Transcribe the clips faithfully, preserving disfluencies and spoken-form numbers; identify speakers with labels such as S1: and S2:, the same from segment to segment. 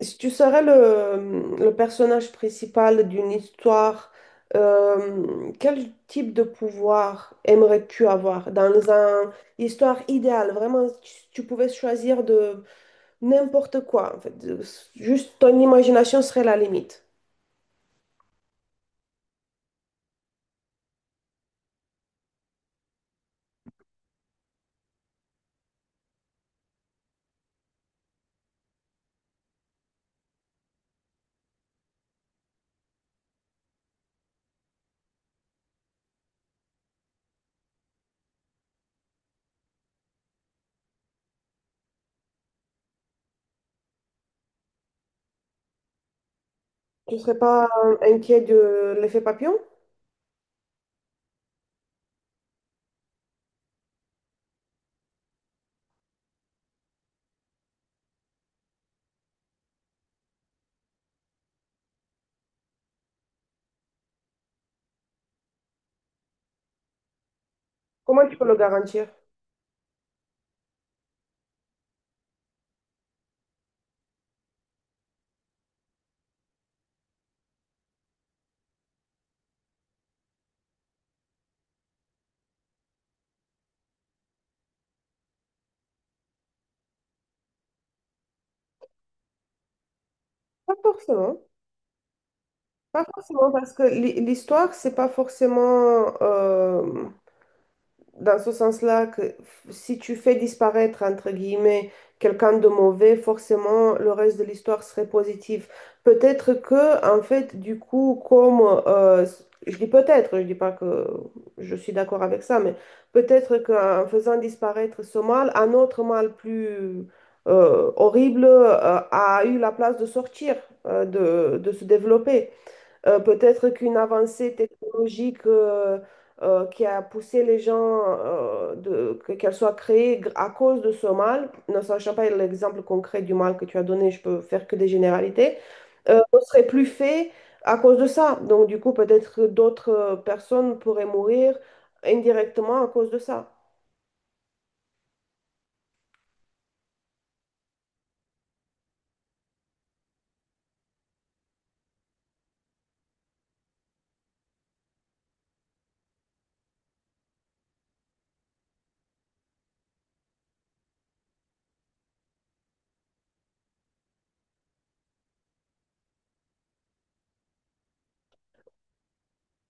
S1: Si tu serais le, le personnage principal d'une histoire, euh, quel type de pouvoir aimerais-tu avoir dans une histoire idéale? Vraiment, si tu pouvais choisir de n'importe quoi, en fait, de- juste ton imagination serait la limite. Tu ne serais pas euh, inquiet de l'effet papillon? Comment tu peux le garantir? Pas forcément. Pas forcément, parce que l'hi- l'histoire, c'est pas forcément euh, dans ce sens-là que si tu fais disparaître, entre guillemets, quelqu'un de mauvais, forcément, le reste de l'histoire serait positif. Peut-être que, en fait, du coup, comme, euh, je dis peut-être, je dis pas que je suis d'accord avec ça, mais peut-être qu'en faisant disparaître ce mal, un autre mal plus euh, horrible euh, a eu la place de sortir, euh, de, de se développer. Euh, peut-être qu'une avancée technologique euh, euh, qui a poussé les gens euh, de, que- qu'elle soit créée gr- à cause de ce mal, ne sachant pas l'exemple concret du mal que tu as donné, je peux faire que des généralités, euh, ne serait plus fait à cause de ça. Donc du coup, peut-être que d'autres euh, personnes pourraient mourir indirectement à cause de ça.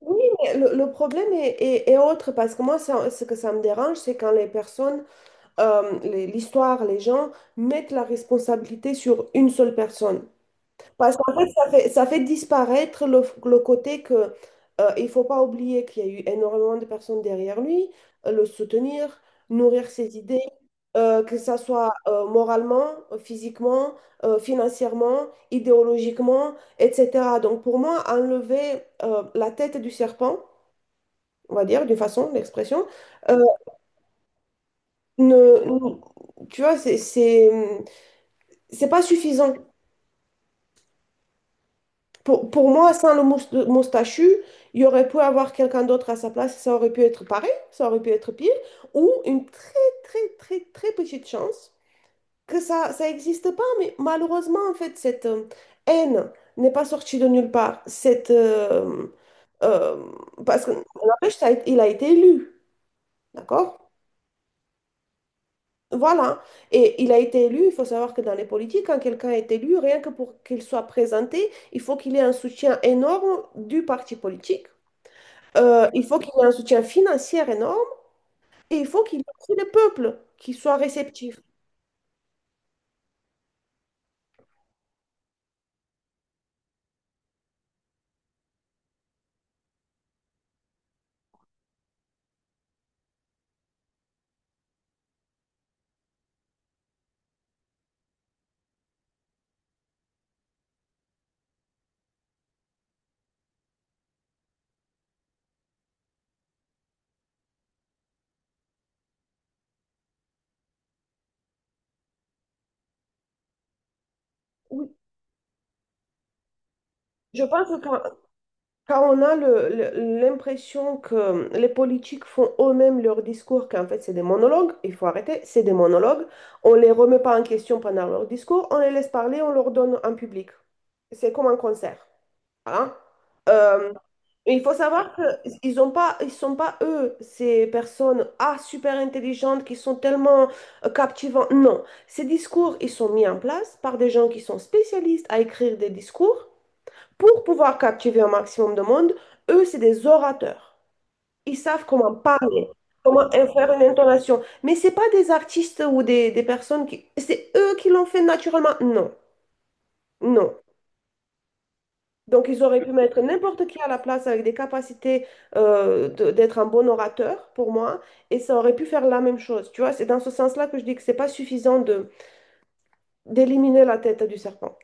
S1: Oui, mais le, le problème est, est- est autre parce que moi, ça- ce que ça me dérange, c'est quand les personnes euh, les- l'histoire, les gens mettent la responsabilité sur une seule personne. Parce qu'en fait, ça fait, ça fait disparaître le, le côté que euh, il faut pas oublier qu'il y a eu énormément de personnes derrière lui, euh, le soutenir, nourrir ses idées, euh, que ça soit euh, moralement, euh, physiquement, euh, financièrement, idéologiquement, et cetera. Donc pour moi, enlever euh, la tête du serpent, on va dire, d'une façon, l'expression, euh, ne, ne- tu vois, c'est, c'est- c'est pas suffisant. Pour, pour moi, sans le mous- le moustachu, il y aurait pu avoir quelqu'un d'autre à sa place, ça aurait pu être pareil, ça aurait pu être pire, ou une très, très, très, très petite chance que ça, ça n'existe pas, mais malheureusement, en fait, cette euh, haine n'est pas sortie de nulle part. Cette, euh, euh, parce que n'empêche, ça a- il a été élu, d'accord? Voilà. Et il a été élu. Il faut savoir que dans les politiques, quand quelqu'un est élu, rien que pour qu'il soit présenté, il faut qu'il ait un soutien énorme du parti politique. Euh, il faut qu'il ait un soutien financier énorme et il faut qu'il y ait aussi le peuple qui soit réceptif. Oui. Je pense que quand, quand on a le- le- l'impression que les politiques font eux-mêmes leur discours, qu'en fait c'est des monologues, il faut arrêter, c'est des monologues. On ne les remet pas en question pendant leur discours, on les laisse parler, on leur donne en public. C'est comme un concert. Hein? Euh, il faut savoir qu'ils ont pas, ils sont pas eux, ces personnes ah, super intelligentes qui sont tellement euh, captivantes. Non, ces discours, ils sont mis en place par des gens qui sont spécialistes à écrire des discours pour pouvoir captiver un maximum de monde. Eux, c'est des orateurs. Ils savent comment parler, comment faire une intonation. Mais c'est pas des artistes ou des, des personnes qui... C'est eux qui l'ont fait naturellement. Non, non. Donc, ils auraient pu mettre n'importe qui à la place avec des capacités euh, de- d'être un bon orateur, pour moi, et ça aurait pu faire la même chose. Tu vois, c'est dans ce sens-là que je dis que c'est pas suffisant de d'éliminer la tête du serpent.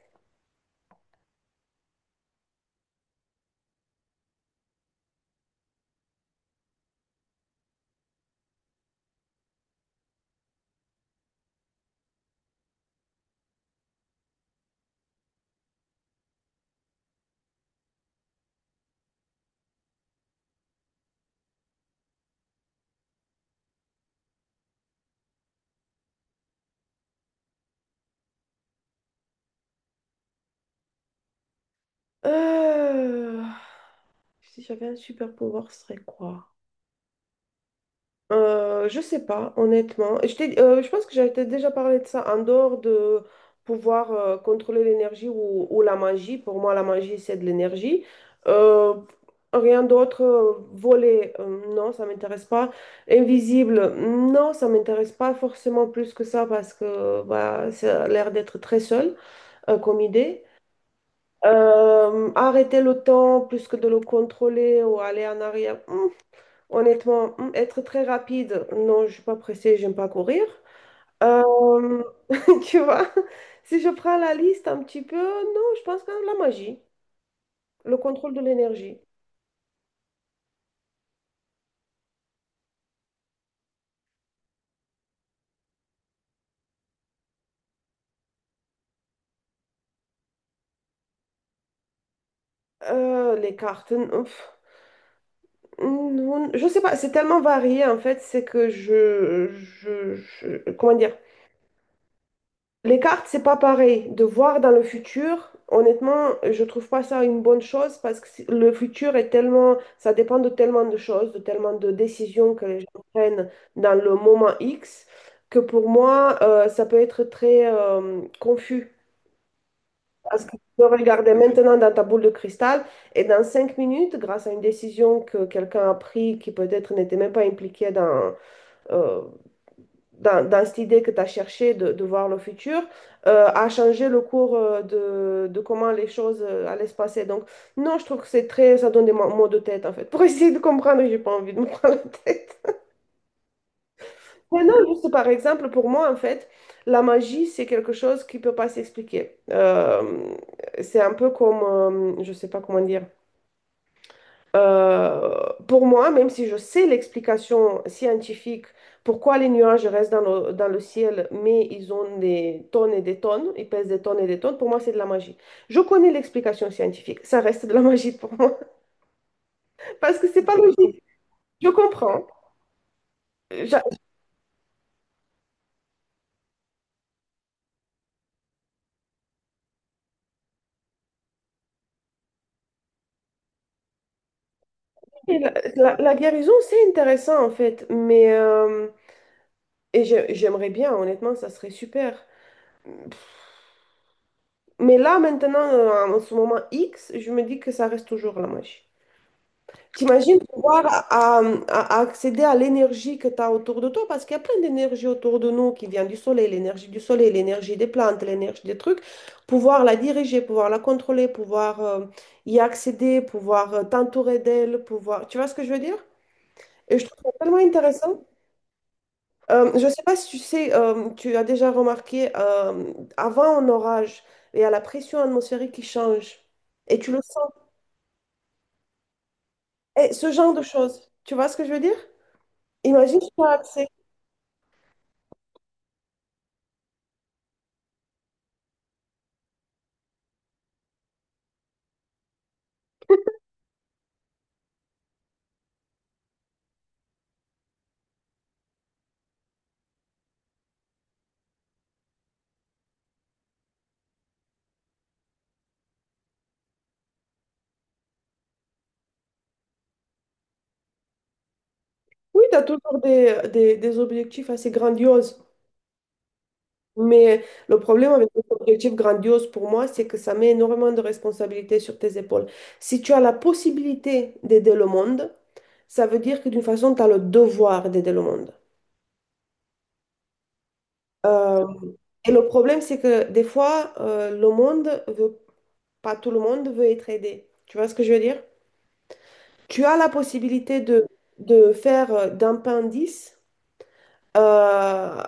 S1: Euh, Si j'avais un super pouvoir, ce serait quoi? Euh, je sais pas, honnêtement. Je t'ai- euh, je pense que j'avais déjà parlé de ça en dehors de pouvoir euh, contrôler l'énergie ou, ou la magie. Pour moi, la magie, c'est de l'énergie. Euh, Rien d'autre. euh, Voler, euh, non, ça m'intéresse pas. Invisible, non, ça m'intéresse pas forcément plus que ça parce que bah, ça a l'air d'être très seul euh, comme idée. Euh, arrêter le temps plus que de le contrôler ou aller en arrière. hmm, Honnêtement, hum, être très rapide, non, je suis pas pressée, j'aime pas courir. Euh, Tu vois, si je prends la liste un petit peu, non, je pense que la magie, le contrôle de l'énergie, euh, les cartes, hum, pff, hum, je sais pas, c'est tellement varié en fait, c'est que je, je, je- comment dire, les cartes, c'est pas pareil. De voir dans le futur, honnêtement, je trouve pas ça une bonne chose parce que c'est- le futur est tellement, ça dépend de tellement de choses, de tellement de décisions que les gens prennent dans le moment X, que pour moi, euh, ça peut être très euh, confus. Parce que tu peux regarder maintenant dans ta boule de cristal et dans cinq minutes, grâce à une décision que quelqu'un a prise qui peut-être n'était même pas impliqué dans, euh, dans, dans cette idée que tu as cherché de, de voir le futur, euh, a changé le cours euh, de, de comment les choses euh, allaient se passer. Donc, non, je trouve que c'est très, ça donne des mo- maux de tête, en fait. Pour essayer de comprendre, j'ai pas envie de me prendre la tête. Mais non, juste par exemple, pour moi, en fait, la magie, c'est quelque chose qui peut pas s'expliquer. Euh, c'est un peu comme, euh, je sais pas comment dire. Euh, pour moi, même si je sais l'explication scientifique pourquoi les nuages restent dans le, dans le ciel, mais ils ont des tonnes et des tonnes, ils pèsent des tonnes et des tonnes, pour moi, c'est de la magie. Je connais l'explication scientifique, ça reste de la magie pour moi, parce que c'est pas logique. Je comprends. J'a- La, la- la guérison, c'est intéressant en fait, mais euh, et j'ai- j'aimerais bien, honnêtement, ça serait super. Mais là, maintenant, euh, en ce moment X, je me dis que ça reste toujours la magie. T'imagines pouvoir euh, à- à- accéder à l'énergie que tu as autour de toi, parce qu'il y a plein d'énergie autour de nous qui vient du soleil, l'énergie du soleil, l'énergie des plantes, l'énergie des trucs, pouvoir la diriger, pouvoir la contrôler, pouvoir euh, y accéder, pouvoir euh, t'entourer d'elle, pouvoir... Tu vois ce que je veux dire? Et je trouve ça tellement intéressant. Euh, je ne sais pas si tu sais, euh, tu as déjà remarqué, euh, avant un orage, il y a la pression atmosphérique qui change, et tu le sens. Et ce genre de choses, tu vois ce que je veux dire? Imagine si tu as accès. Oui, tu as toujours des, des, des objectifs assez grandioses. Mais le problème avec les objectifs grandioses pour moi, c'est que ça met énormément de responsabilités sur tes épaules. Si tu as la possibilité d'aider le monde, ça veut dire que d'une façon, tu as le devoir d'aider le monde. Euh, et le problème, c'est que des fois, euh, le monde veut, pas tout le monde veut être aidé. Tu vois ce que je veux dire? Tu as la possibilité de, de faire euh, d'un pain dix. Euh,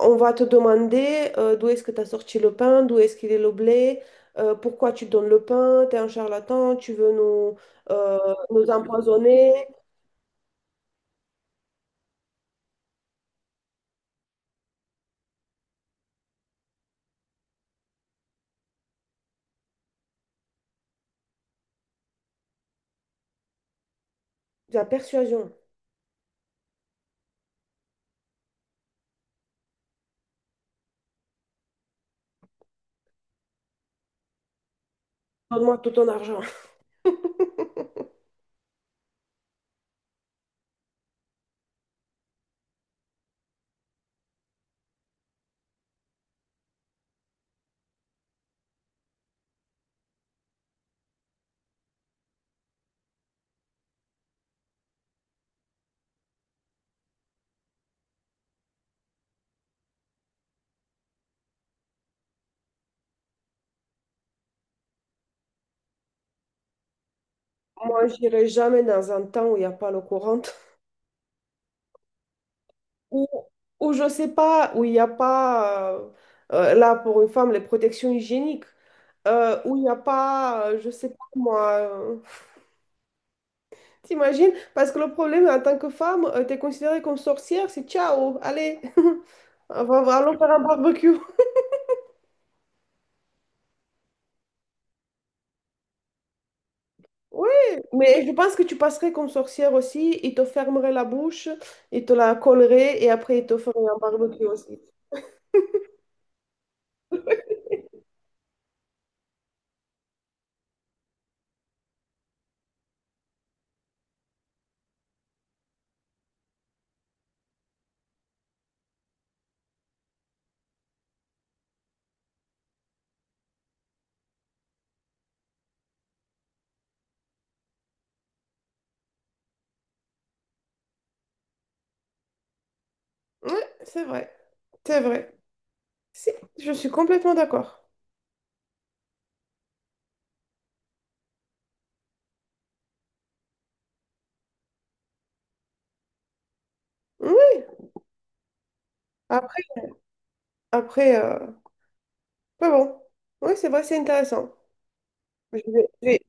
S1: on va te demander euh, d'où est-ce que tu as sorti le pain, d'où est-ce qu'il est le blé, euh, pourquoi tu donnes le pain, tu es un charlatan, tu veux nous, euh, nous empoisonner. De la persuasion. Donne-moi tout ton argent. Moi, j'irai jamais dans un temps où il n'y a pas l'eau courante, ou ou je sais pas, où il n'y a pas, euh, euh, là pour une femme, les protections hygiéniques, euh, où il n'y a pas, euh, je sais pas moi. euh, T'imagines? Parce que le problème, en tant que femme, euh, t'es considérée comme sorcière, c'est ciao, allez, on va- allons faire un barbecue. Oui, mais je pense que tu passerais comme sorcière aussi, ils te fermeraient la bouche, ils te la colleraient et après ils te feraient un barbecue aussi. Oui, c'est vrai, c'est vrai. Si, je suis complètement d'accord. Oui, après, après euh, mais bon, oui, c'est vrai, c'est intéressant. Je vais- je vais-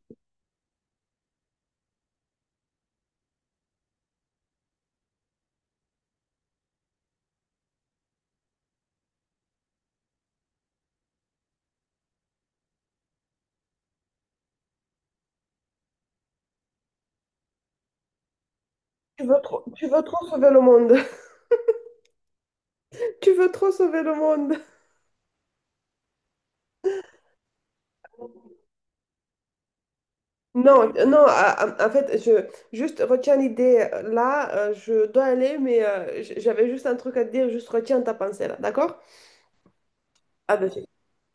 S1: Tu veux trop, tu veux trop sauver le monde. Tu veux trop sauver le monde. Non, euh, non, euh, en fait, je juste retiens l'idée euh, là, euh, je dois aller, mais euh, j- j'avais juste un truc à te dire, juste retiens ta pensée là, d'accord? À de suite.